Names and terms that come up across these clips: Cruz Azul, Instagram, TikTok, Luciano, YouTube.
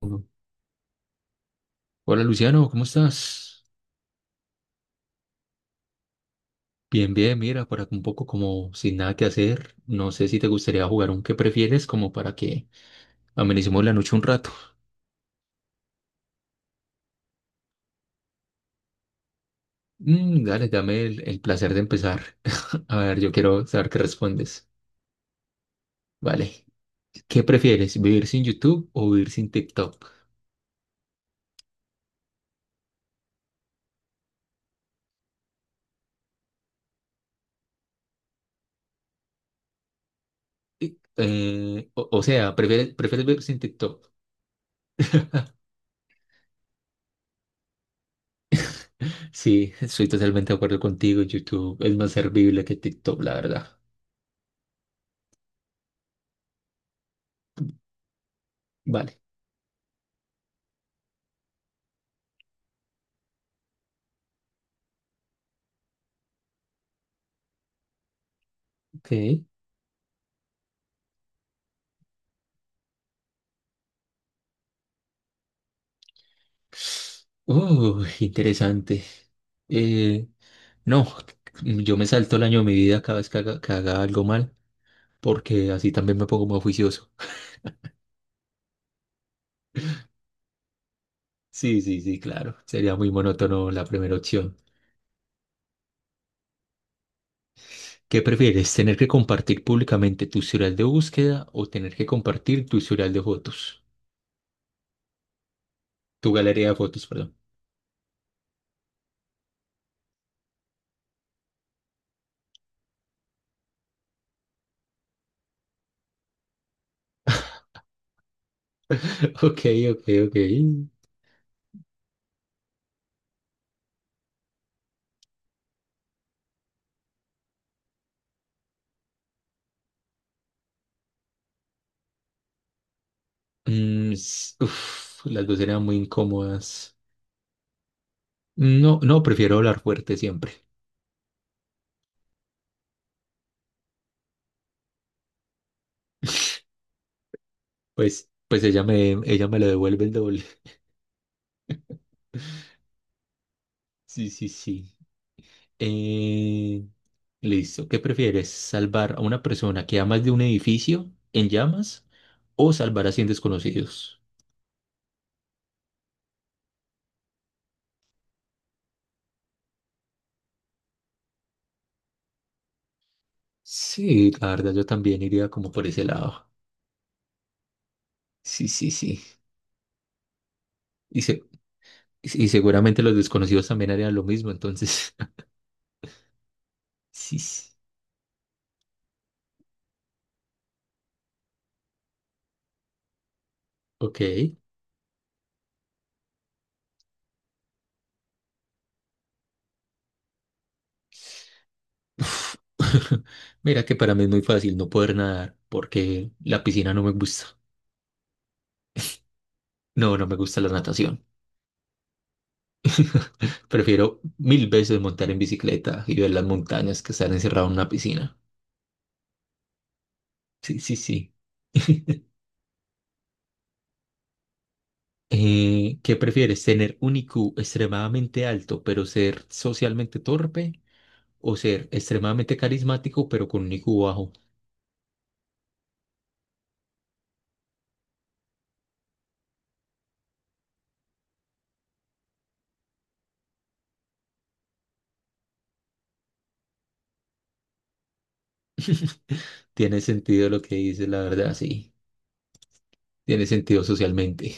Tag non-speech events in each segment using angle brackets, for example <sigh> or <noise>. Uno. Hola Luciano, ¿cómo estás? Bien, bien, mira, por acá un poco como sin nada que hacer. No sé si te gustaría jugar un qué prefieres, como para que amenicemos la noche un rato. Dale, dame el placer de empezar. <laughs> A ver, yo quiero saber qué respondes. Vale. ¿Qué prefieres, vivir sin YouTube o vivir sin TikTok? O sea, ¿prefieres vivir sin TikTok? <laughs> Sí, estoy totalmente de acuerdo contigo. YouTube es más servible que TikTok, la verdad. Vale. Ok. Interesante. Eh, no, yo me salto el año de mi vida cada vez que haga algo mal, porque así también me pongo más juicioso. Sí, sí, sí, claro. Sería muy monótono la primera opción. ¿Qué prefieres, tener que compartir públicamente tu historial de búsqueda o tener que compartir tu historial de fotos? Tu galería de fotos, perdón. <laughs> Ok, ok, ok. Uf, las dos eran muy incómodas. No, no, prefiero hablar fuerte siempre. Pues ella me lo devuelve el doble. <laughs> Sí, sí, sí. Eh, Listo. ¿Qué prefieres? ¿Salvar a una persona que amas de un edificio en llamas o salvar a 100 desconocidos? Sí, la verdad yo también iría como por ese lado. Sí, sí, sí. Y, se- y seguramente los desconocidos también harían lo mismo, entonces. <laughs> Sí, sí. Ok. Uf. <laughs> Mira que para mí es muy fácil no poder nadar porque la piscina no me gusta. No, no me gusta la natación. Prefiero mil veces montar en bicicleta y ver las montañas que estar encerrado en una piscina. Sí, sí, sí. <laughs> ¿Qué prefieres? ¿Tener un IQ extremadamente alto pero ser socialmente torpe? ¿O ser extremadamente carismático pero con un IQ bajo? <laughs> Tiene sentido lo que dices, la verdad, sí. Tiene sentido socialmente.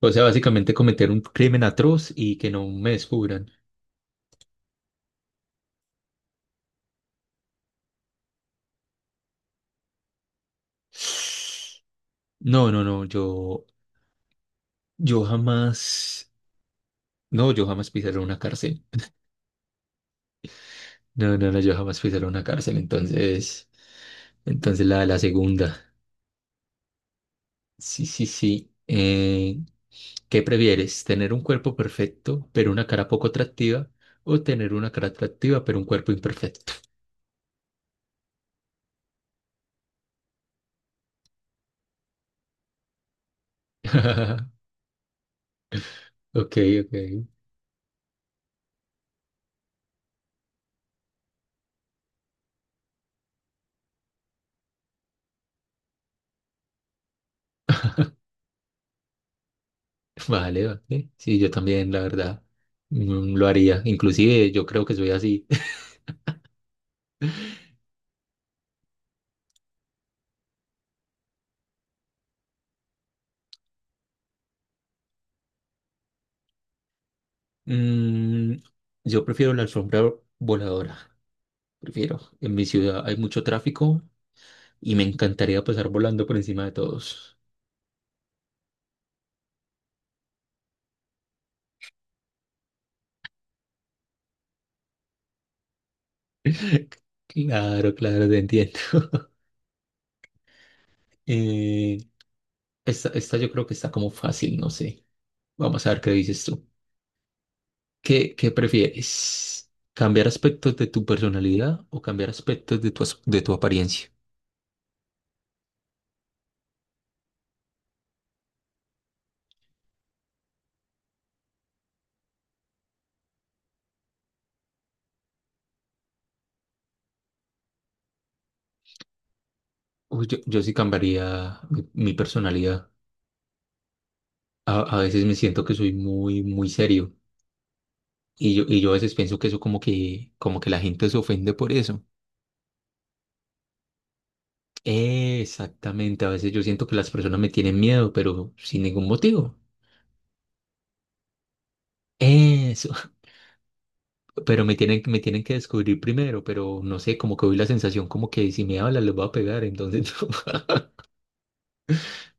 O sea, básicamente cometer un crimen atroz y que no me descubran. No, no, no, yo jamás, no, yo jamás pisaré una cárcel. No, no, no, yo jamás fui solo a una cárcel, entonces, entonces la segunda. Sí, sí, sí. ¿Qué prefieres? ¿Tener un cuerpo perfecto, pero una cara poco atractiva? ¿O tener una cara atractiva, pero un cuerpo imperfecto? <laughs> Ok, ok. Vale, vale. Sí, yo también, la verdad, mm, lo haría. Inclusive yo creo que soy así. <laughs> Mm, yo prefiero la alfombra voladora. Prefiero. En mi ciudad hay mucho tráfico y me encantaría pasar volando por encima de todos. Claro, claro, te entiendo. Eh, esta yo creo que está como fácil, no sé. Vamos a ver qué dices tú. ¿Qué prefieres? ¿Cambiar aspectos de tu personalidad o cambiar aspectos de tu apariencia? Uy, yo sí cambiaría mi personalidad. A veces me siento que soy muy serio. Y yo a veces pienso que eso como que la gente se ofende por eso. Exactamente, a veces yo siento que las personas me tienen miedo, pero sin ningún motivo. Eso. Pero me tienen que descubrir primero, pero no sé, como que hoy la sensación como que si me hablan les voy a pegar, entonces <laughs> no.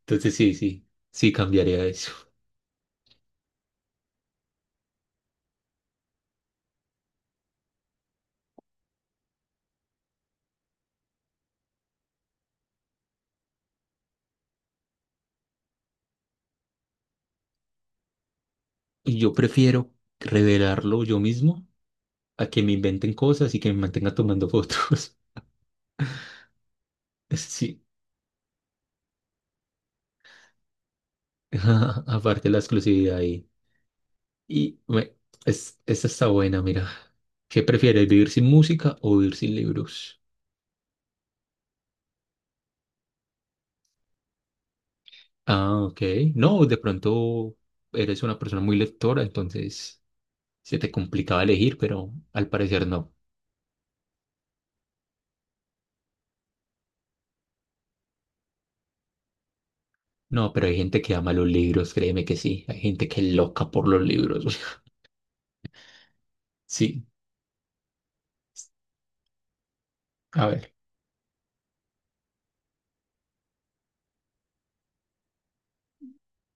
Entonces sí, sí, sí cambiaría eso. Yo prefiero revelarlo yo mismo a que me inventen cosas y que me mantenga tomando fotos. <laughs> Sí, <laughs> aparte la exclusividad ahí. Y bueno, esa está buena, mira. ¿Qué prefieres, vivir sin música o vivir sin libros? Ah, ok. No, de pronto eres una persona muy lectora, entonces... Se te complicaba elegir, pero al parecer no. No, pero hay gente que ama los libros, créeme que sí. Hay gente que es loca por los libros. <laughs> Sí, a ver.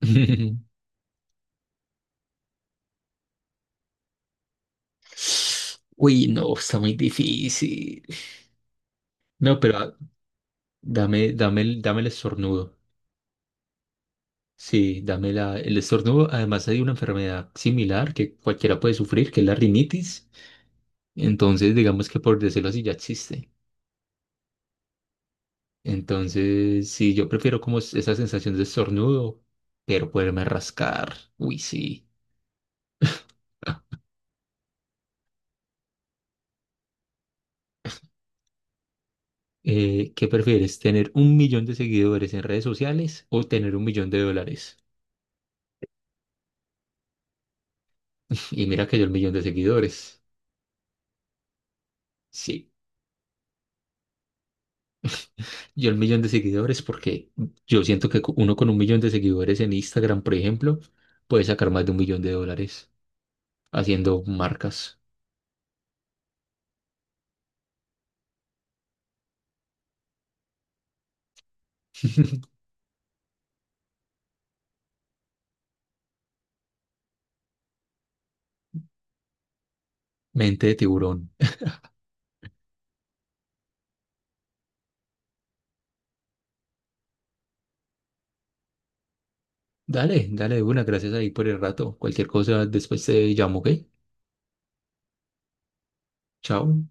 <laughs> Uy, no, está muy difícil. No, pero ah, dame el estornudo. Sí, dame el estornudo. Además hay una enfermedad similar que cualquiera puede sufrir, que es la rinitis. Entonces, digamos que por decirlo así, ya existe. Entonces, sí, yo prefiero esa sensación de estornudo, pero poderme rascar. Uy, sí. Ah, ¿qué prefieres? ¿Tener un millón de seguidores en redes sociales o tener un millón de dólares? Y mira que yo el millón de seguidores. Sí, yo el millón de seguidores porque yo siento que uno con un millón de seguidores en Instagram, por ejemplo, puede sacar más de un millón de dólares haciendo marcas. <laughs> Mente de tiburón. Dale, dale de una, gracias ahí por el rato. Cualquier cosa después te llamo, ¿ok? Chao.